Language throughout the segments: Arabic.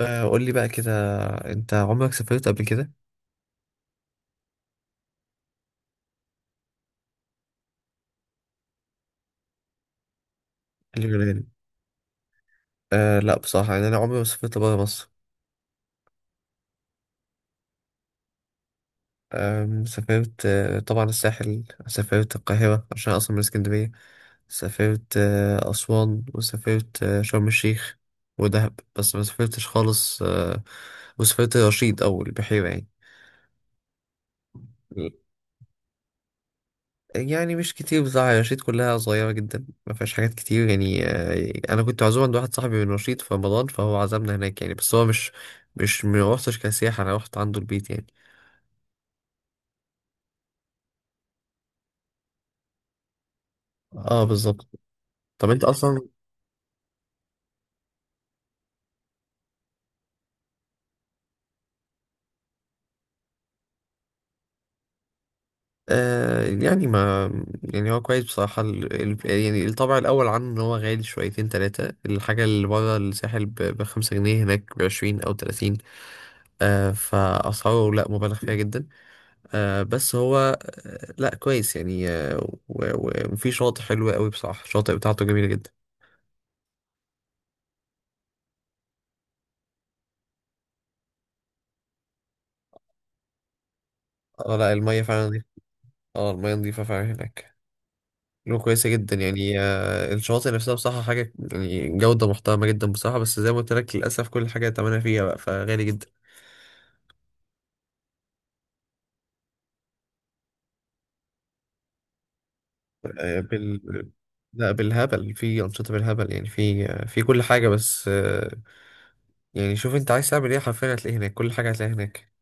قول لي بقى كده. انت عمرك سافرت قبل كده؟ اليونان. آه، لا بصراحة، يعني أنا عمري ما سافرت برا مصر. سافرت طبعا الساحل، سافرت القاهرة عشان أصلا من اسكندرية. سافرت أسوان، وسافرت شرم الشيخ ودهب، بس ما سافرتش خالص. وسافرت رشيد أو البحيرة، يعني مش كتير بصراحة، يعني الرشيد كلها صغيرة جدا، ما فيهاش حاجات كتير، يعني أنا كنت معزوم عند واحد صاحبي من رشيد في رمضان، فهو عزمنا هناك يعني، بس هو مش ما روحتش كسياحة، أنا روحت عنده البيت يعني. اه بالظبط. طب أنت أصلا آه يعني ما يعني هو كويس بصراحة، يعني الطبع الأول عنه إن هو غالي شويتين تلاتة، الحاجة اللي بره الساحل ب5 جنيه، هناك ب20 أو 30. فأسعاره لأ، مبالغ فيها جدا. بس هو لا كويس يعني وفي شاطئ حلو قوي بصراحة، الشاطئ بتاعته جميلة جدا. اه لا، المية فعلا نظيفة. اه، المية نظيفة فعلا هناك، له كويسة جدا يعني. الشواطئ نفسها بصراحة حاجة، يعني جودة محترمة جدا بصراحة، بس زي ما قلت لك للأسف كل حاجة تمنها فيها بقى فغالي جدا. آه بال لا، بالهبل في أنشطة بالهبل يعني، في كل حاجة، بس يعني شوف أنت عايز تعمل إيه، حرفيا هتلاقيه هناك، كل حاجة هتلاقيها هناك.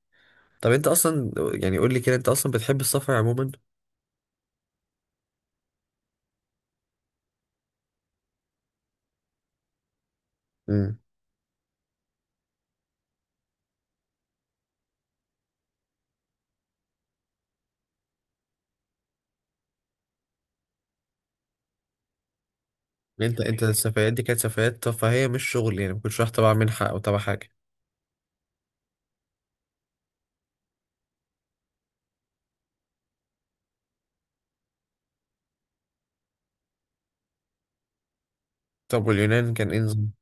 طب أنت أصلا يعني قول لي كده، أنت أصلا بتحب السفر عموما؟ انت السفريات دي كانت سفريات ترفيهية مش شغل، يعني ما كنتش رايح تبع منحة او تبع حاجة. طب واليونان كان ايه نظام؟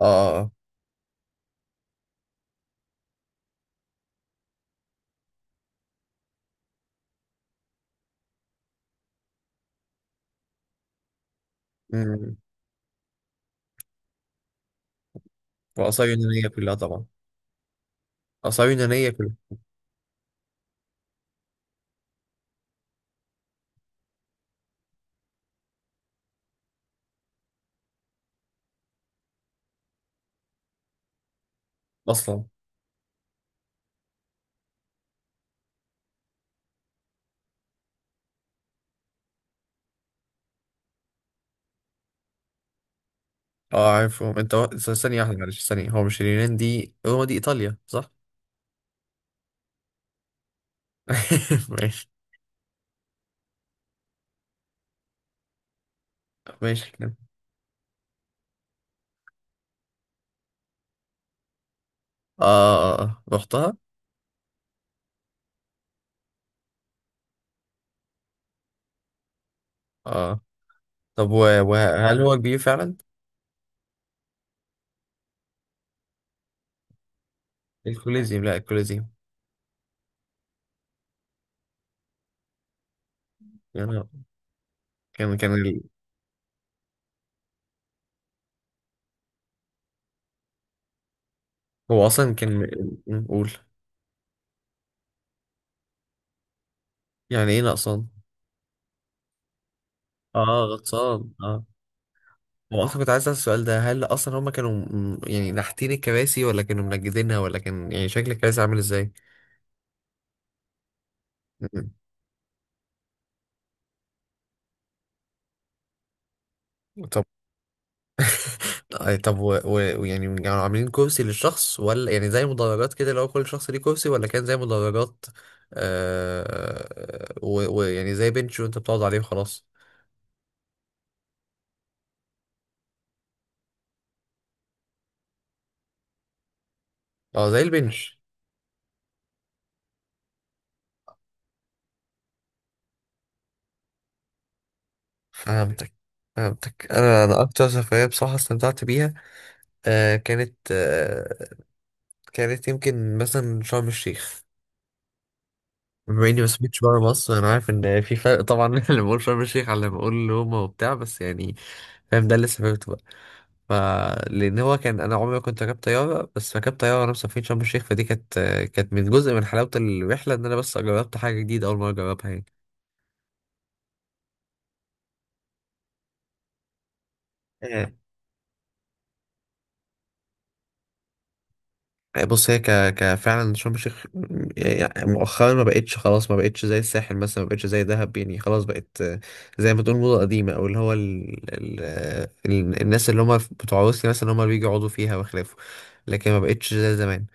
اه اه. امم. وآثار يونانية كلها طبعا. آثار يونانية كلها. اصلا اه عارفهم انت ثانية واحدة معلش، ثانية، هو مش اليونان دي، روما دي ايطاليا صح؟ ماشي. ماشي كده. اه اه. اه رحتها؟ اه. طب و... وهل هو كبير فعلا؟ الكوليزيوم، لا الكوليزيوم. يعني كان كان ال... هو اصلا كان قول. يعني ايه نقصان؟ اه غطسان اه. هو اصلا كنت عايز اسال السؤال ده، هل اصلا هما كانوا يعني نحتين الكراسي ولا كانوا منجدينها، ولا كان يعني شكل الكراسي عامل ازاي. م- طب. آه، طب ويعني كانوا عاملين كرسي للشخص، ولا يعني زي مدرجات كده، لو كل شخص ليه كرسي ولا كان زي مدرجات. آه ويعني زي بنش وانت بتقعد عليه وخلاص. اه زي البنش. فهمتك. فهمتك، انا اكتر سفريه بصراحه استمتعت بيها. آه كانت آه كانت يمكن مثلا شرم الشيخ، بما اني ما سافرتش بره مصر، انا عارف ان في فرق طبعا بين اللي بقول شرم الشيخ على اللي بقول روما وبتاع، بس يعني فاهم، ده اللي سافرته بقى. ف لان هو كان، انا عمري ما كنت راكب طياره، بس ركبت طياره وانا مسافرين شرم الشيخ، فدي كانت، كانت من جزء من حلاوه الرحله ان انا بس جربت حاجه جديده اول مره اجربها يعني. آه، بص هي ك... ك فعلا شرم الشيخ يعني مؤخرا ما بقتش خلاص، ما بقتش زي الساحل مثلا، ما بقتش زي دهب، يعني خلاص بقت زي ما تقول موضة قديمة، او اللي هو الناس اللي هم بتوع روسيا مثلا، هم اللي بيجوا يقعدوا فيها وخلافه، لكن ما بقتش زي زمان.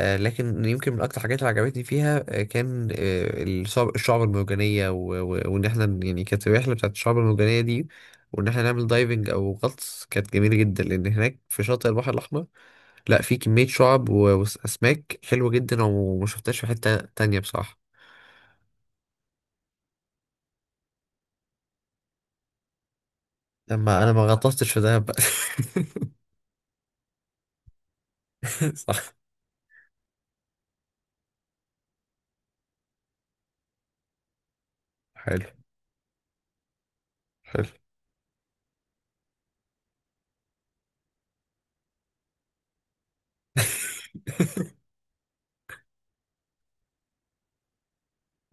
آه، لكن يمكن من اكتر الحاجات اللي عجبتني فيها كان الشعب المرجانية وان احنا يعني كانت الرحلة بتاعت الشعب المرجانية دي، وان احنا نعمل دايفنج او غطس، كانت جميلة جدا، لان هناك في شاطئ البحر الاحمر، لا في كمية شعب وأسماك حلوة جدا، وما شفتهاش في حتة تانية بصراحة. لما أنا ما غطستش في دهب بقى. صح. حلو. حلو.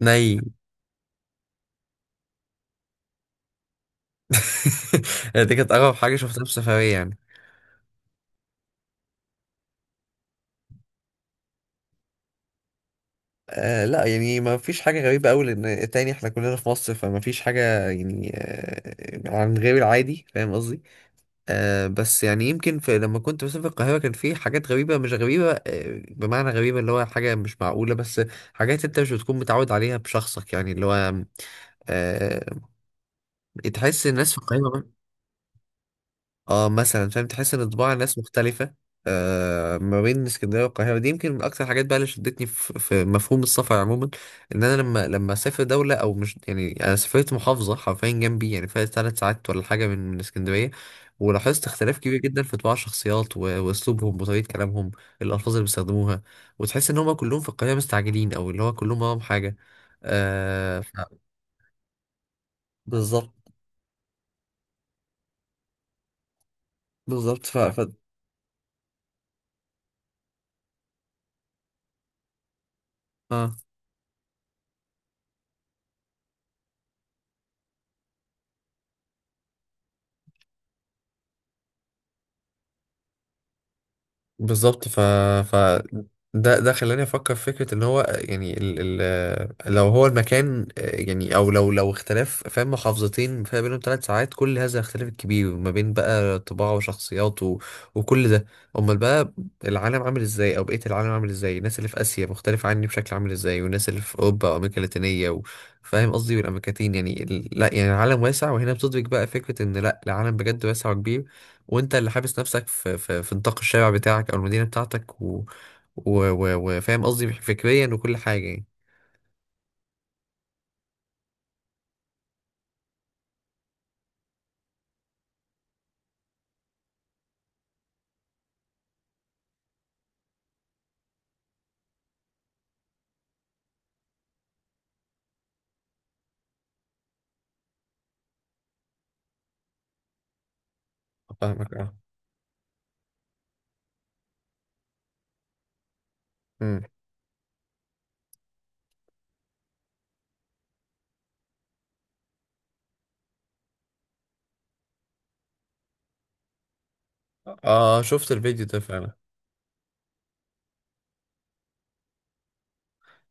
ني. دي كانت أغرب حاجة شفتها في سفرية يعني. آه لا، يعني ما فيش حاجة غريبة أوي، لأن تاني احنا كلنا في مصر، فما فيش حاجة يعني عن غير العادي، فاهم قصدي. آه بس يعني يمكن في، لما كنت مثلا في القاهرة كان في حاجات غريبة مش غريبة، بمعنى غريبة اللي هو حاجة مش معقولة، بس حاجات انت مش بتكون متعود عليها بشخصك، يعني اللي هو آه تحس الناس في القاهرة. اه مثلا، فاهم، تحس ان طباع الناس مختلفة. آه ما بين اسكندرية والقاهرة، دي يمكن من اكتر الحاجات بقى اللي شدتني في مفهوم السفر عموما، ان انا لما اسافر دولة، او مش يعني انا سافرت محافظة حرفيا جنبي، يعني فيها 3 ساعات ولا حاجة من اسكندرية، ولاحظت اختلاف كبير جدا في طباع الشخصيات واسلوبهم وطريقة كلامهم، الالفاظ اللي بيستخدموها، وتحس ان هم كلهم في القاهرة مستعجلين، او اللي هو كلهم وراهم حاجة. آه ف... بالظبط. بالظبط ف.... ف... بالظبط ف.... ف ده خلاني افكر في فكره ان هو يعني، لو هو المكان يعني، او لو اختلاف، فاهم، محافظتين فيها بينهم 3 ساعات، كل هذا الاختلاف الكبير ما بين بقى طباع وشخصيات وكل ده، امال بقى العالم عامل ازاي، او بقيه العالم عامل ازاي، الناس اللي في اسيا مختلفه عني بشكل عامل ازاي، والناس اللي في اوروبا وامريكا اللاتينيه فاهم قصدي، والامريكتين يعني لا يعني العالم واسع، وهنا بتدرك بقى فكره ان لا، العالم بجد واسع وكبير، وانت اللي حابس نفسك في في نطاق الشارع بتاعك او المدينه بتاعتك وفاهم قصدي، فكريا وكل حاجه يعني. فاهمك اه. مم. اه شفت الفيديو ده فعلا.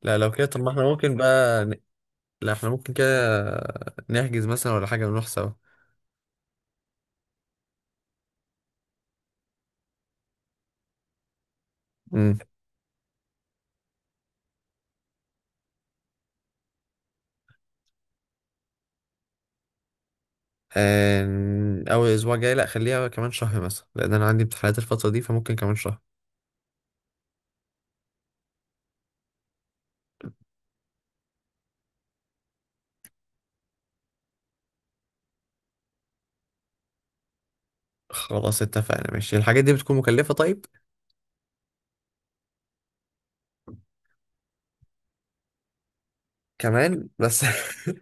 لا لو كده طب، ما احنا ممكن بقى لا احنا ممكن كده نحجز مثلا ولا حاجه ونروح سوا. امم. اول اسبوع جاي لا، خليها كمان شهر مثلا، لان انا عندي امتحانات الفتره دي، فممكن كمان شهر. خلاص اتفقنا ماشي، الحاجات دي بتكون مكلفه طيب؟ كمان بس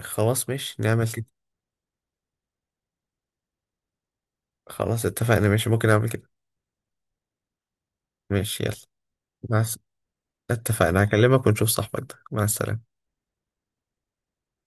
خلاص ماشي، نعمل كده. خلاص اتفقنا ماشي، ممكن اعمل كده. ماشي يلا. مع الس... اتفقنا هكلمك ونشوف صاحبك ده، مع السلامة.